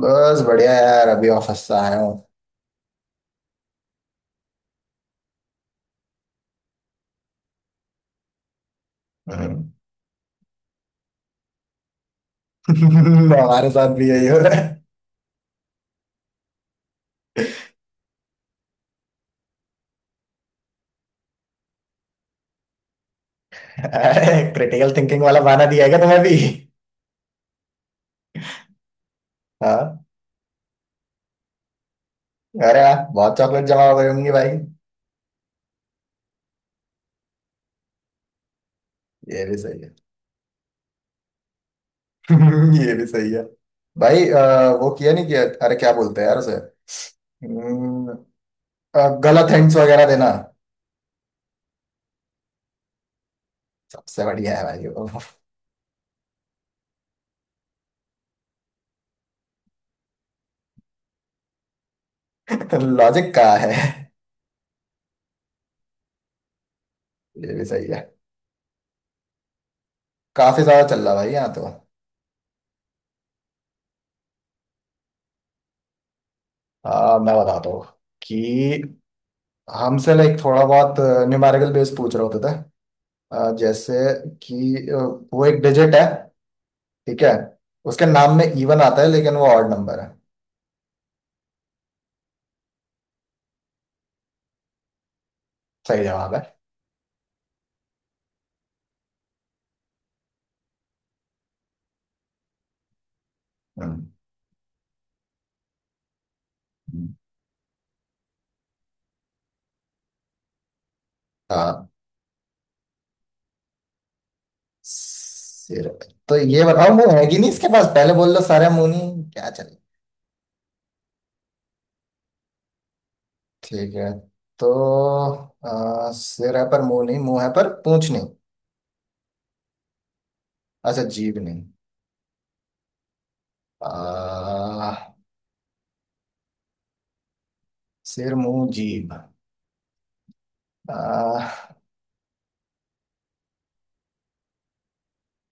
बस बढ़िया यार, अभी ऑफिस से आया हूँ। हाँ। हमारे साथ भी यही हो रहा है। क्रिटिकल थिंकिंग वाला बहाना दिया है क्या तुम्हें भी? हाँ। अरे यार बहुत चॉकलेट जमा हो गई होंगी भाई। ये भी सही है। ये भी सही है। भाई वो किया नहीं किया, अरे क्या बोलते हैं यार उसे। हम्म, गलत हिंट्स वगैरह देना। सबसे बढ़िया है भाई वो। लॉजिक का है। ये भी सही है। काफी ज्यादा चल रहा है भाई यहाँ तो। हाँ मैं बताता हूँ कि हमसे लाइक थोड़ा बहुत न्यूमेरिकल बेस पूछ रहे होते थे। जैसे कि वो एक डिजिट है, ठीक है। उसके नाम में इवन आता है लेकिन वो ऑड नंबर है। सही जवाब है। हम्म, हम्म। हाँ। सिर। तो ये बताओ मुंह है कि नहीं इसके पास, पहले बोल दो, सारे मुंह नहीं क्या चले। ठीक है, तो सिर है पर मुंह नहीं, मुंह है पर पूंछ नहीं। अच्छा, जीभ नहीं। आ, सिर, मुंह, जीभ। आ,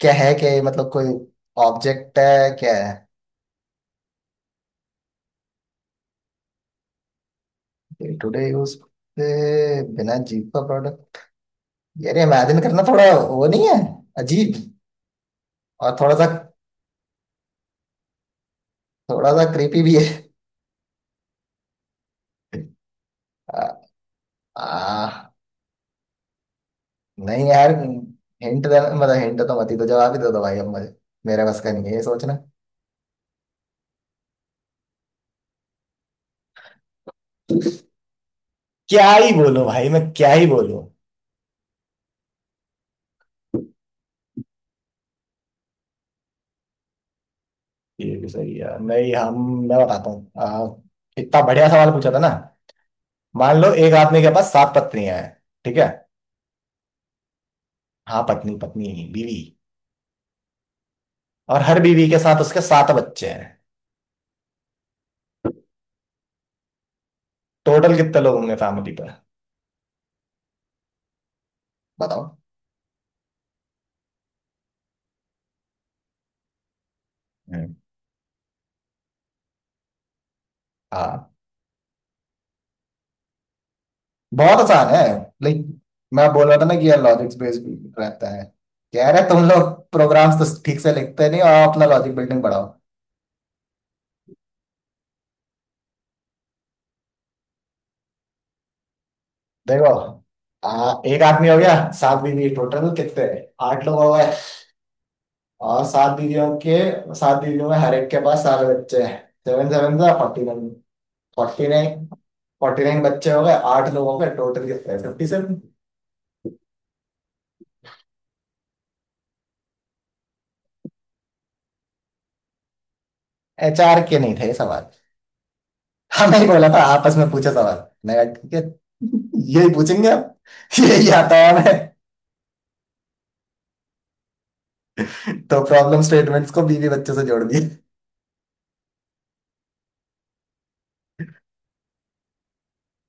क्या है क्या ये, मतलब कोई ऑब्जेक्ट है क्या है? डे टू डे यूज पे बिना जीप का प्रोडक्ट। यार इमेजिन करना थोड़ा, वो नहीं है, अजीब। और थोड़ा सा, थोड़ा सा क्रीपी भी है। आ, आ, नहीं यार, हिंट देना मतलब, हिंट तो मत ही, तो जवाब ही दे दो भाई अब मुझे। मेरे बस का नहीं है ये सोचना। क्या ही बोलो भाई, मैं क्या ही बोलूं। ये भी सही है। नहीं, हम, मैं बताता हूँ। इतना बढ़िया सवाल पूछा था ना। मान लो एक आदमी के पास सात पत्नियां हैं, ठीक है। हाँ, पत्नी पत्नी नहीं, बीवी। और हर बीवी के साथ उसके सात बच्चे हैं। टोटल कितने लोग होंगे फैमिली पर, बताओ। हम्म। हाँ, बहुत आसान है। लाइक, मैं बोल रहा था ना कि यार लॉजिक्स बेस्ड रहता है। कह रहे तुम लोग प्रोग्राम्स तो ठीक से लिखते नहीं, और अपना लॉजिक बिल्डिंग बढ़ाओ। देखो, एक आदमी हो गया, सात बीवी, टोटल कितने, आठ लोग हो गए। और सात बीवियों में हर एक के पास सारे बच्चे हैं। 7 7 से 49। 49। फोर्टी नाइन बच्चे हो गए, आठ लोगों के टोटल कितने, 57। एचआर के नहीं थे ये सवाल। हमने ही बोला था आपस में पूछे सवाल, मैं कहा ठीक है। यही पूछेंगे अब, यही आता है हमें। तो प्रॉब्लम स्टेटमेंट्स को बीवी बच्चों से जोड़ दिए।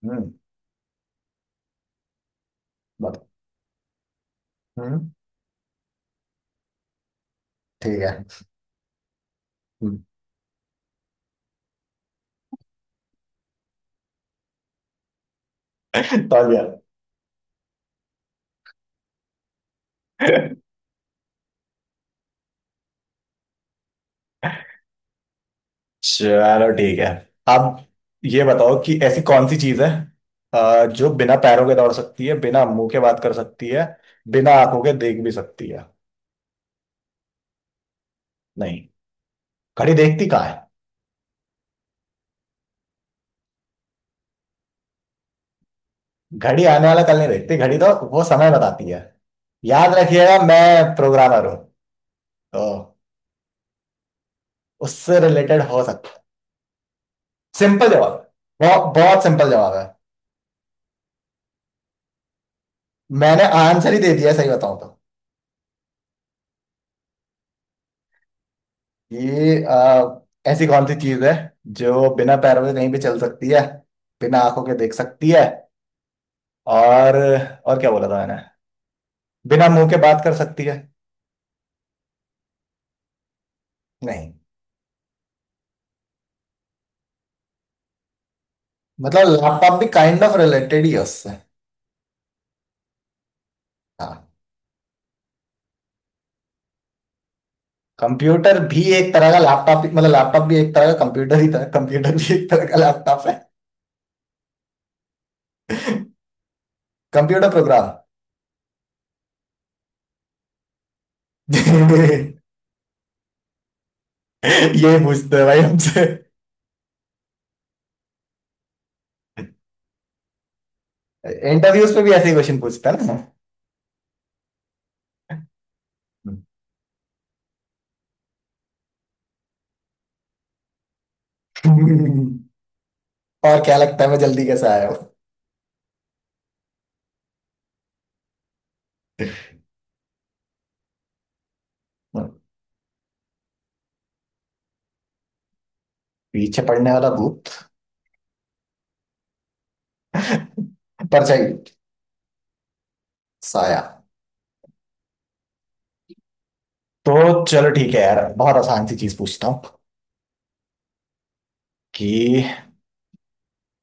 हम्म। बहुत- हम्म। ठीक है। हम्म, समझ गया। चलो ठीक है। अब ये बताओ कि ऐसी कौन सी चीज है जो बिना पैरों के दौड़ सकती है, बिना मुंह के बात कर सकती है, बिना आंखों के देख भी सकती है। नहीं। घड़ी देखती कहाँ? घड़ी आने वाला कल नहीं देखती, घड़ी तो वो समय बताती है। याद रखिएगा मैं प्रोग्रामर हूँ, तो उससे रिलेटेड हो सकता है। सिंपल जवाब, बहुत बहुत सिंपल जवाब है। मैंने आंसर ही दे दिया सही बताऊं तो। ये ऐसी कौन सी चीज है जो बिना पैरों के कहीं भी चल सकती है, बिना आंखों के देख सकती है, और और क्या बोला था मैंने, बिना मुंह के बात कर सकती है। नहीं। मतलब लैपटॉप भी काइंड ऑफ रिलेटेड ही है उससे। हाँ। कंप्यूटर भी एक तरह का लैपटॉप, मतलब लैपटॉप भी एक तरह का कंप्यूटर ही था, कंप्यूटर भी एक तरह का लैपटॉप है। Computer programme. ये पूछते हैं भाई हमसे। इंटरव्यूज पे भी ऐसे ही क्वेश्चन पूछता है ना। और क्या लगता है मैं जल्दी कैसे आया हूँ? पीछे पड़ने वाला भूत, परछाई, साया। तो चलो ठीक है यार, बहुत आसान सी चीज पूछता हूँ कि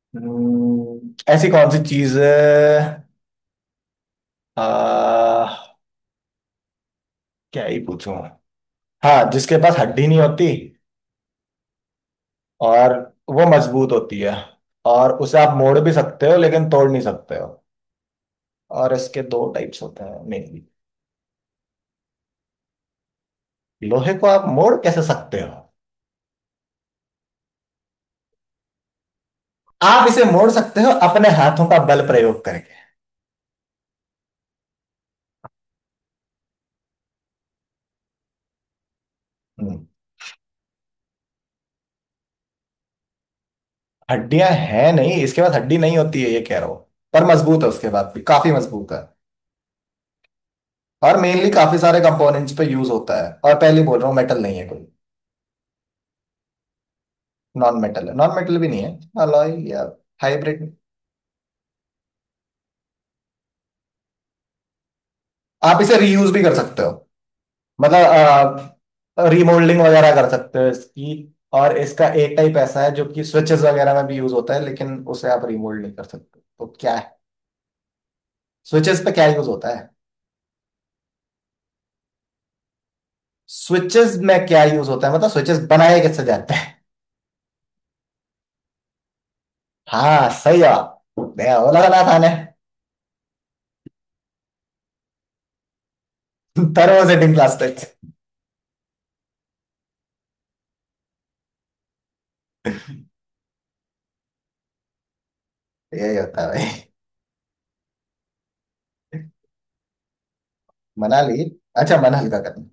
ऐसी कौन सी चीज है, आ, क्या ही पूछूं, हाँ, जिसके पास हड्डी नहीं होती, और वो मजबूत होती है, और उसे आप मोड़ भी सकते हो लेकिन तोड़ नहीं सकते हो, और इसके दो टाइप्स होते हैं मेनली। लोहे को आप मोड़ कैसे सकते हो? आप इसे मोड़ सकते हो अपने हाथों का बल प्रयोग करके। हम्म, हड्डियां हैं नहीं, इसके पास हड्डी नहीं होती है ये कह रहा हूं। पर मजबूत है, उसके बाद भी काफी मजबूत है। और मेनली काफी सारे कंपोनेंट्स पे यूज होता है, और पहले ही बोल रहा हूँ मेटल नहीं है कोई। नॉन मेटल है, नॉन मेटल भी नहीं है। अलॉय या हाइब्रिड। आप इसे रीयूज भी कर सकते हो, मतलब रिमोल्डिंग वगैरह कर सकते हो इसकी। और इसका एक टाइप ऐसा है जो कि स्विचेस वगैरह में भी यूज होता है, लेकिन उसे आप रिमोल्ड नहीं कर सकते, तो क्या है? स्विचेस पे क्या यूज होता है, स्विचेस में क्या यूज होता है, मतलब स्विचेस बनाए कैसे जाते हैं? हाँ, सही जवाब, मैं वो लगा था ने। Thermosetting plastic. यही होता है भाई। मनाली, अच्छा मन हल्का करना।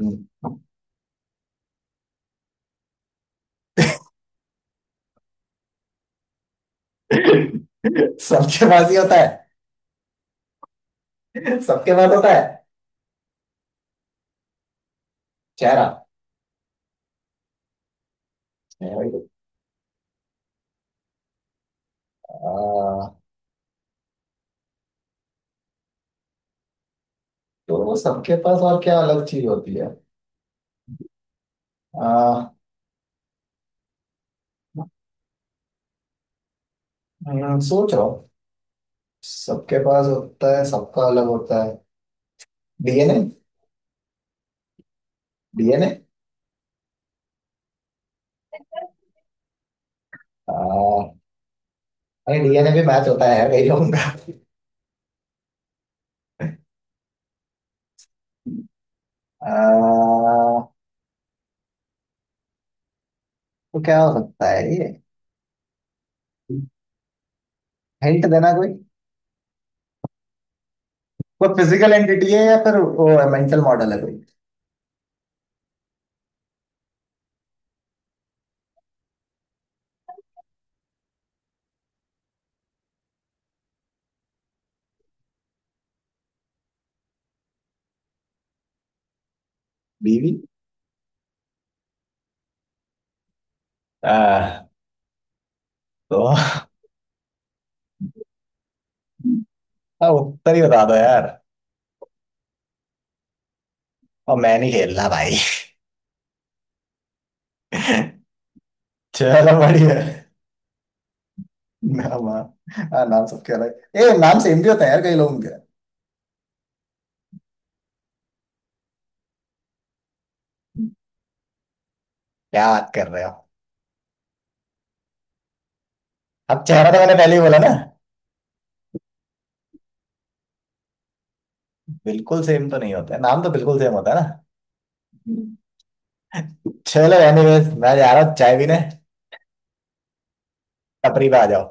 हम्म। सबके पास ही होता है, सबके पास होता है। चेहरा। चेहरा ही होता है। तो वो सबके पास और क्या अलग चीज होती है, आ, सोच रहा हूँ। सबके पास होता है, सबका अलग होता है। डीएनए। डीएनए नहीं, डीएनए भी मैच होता है कई लोगों का। आ, तो क्या हो सकता है ये, हिंट देना कोई। वो फिजिकल एंटिटी है या फिर वो मेंटल मॉडल है कोई? बीवी। आ, तो हाँ, उत्तर ही बता दो यार। और मैं नहीं खेलना भाई। चलो बढ़िया। नाम, हाँ, हाँ, नाम सबके अलग, ए नाम सेम भी होता है यार कई लोगों के। क्या बात कर रहे हो? अब चेहरा तो मैंने पहले ही बोला ना। बिल्कुल सेम तो नहीं होता है, नाम तो बिल्कुल सेम होता है ना। चलो एनीवेज मैं जा रहा हूँ चाय पीने। टपरी पे आ जाओ।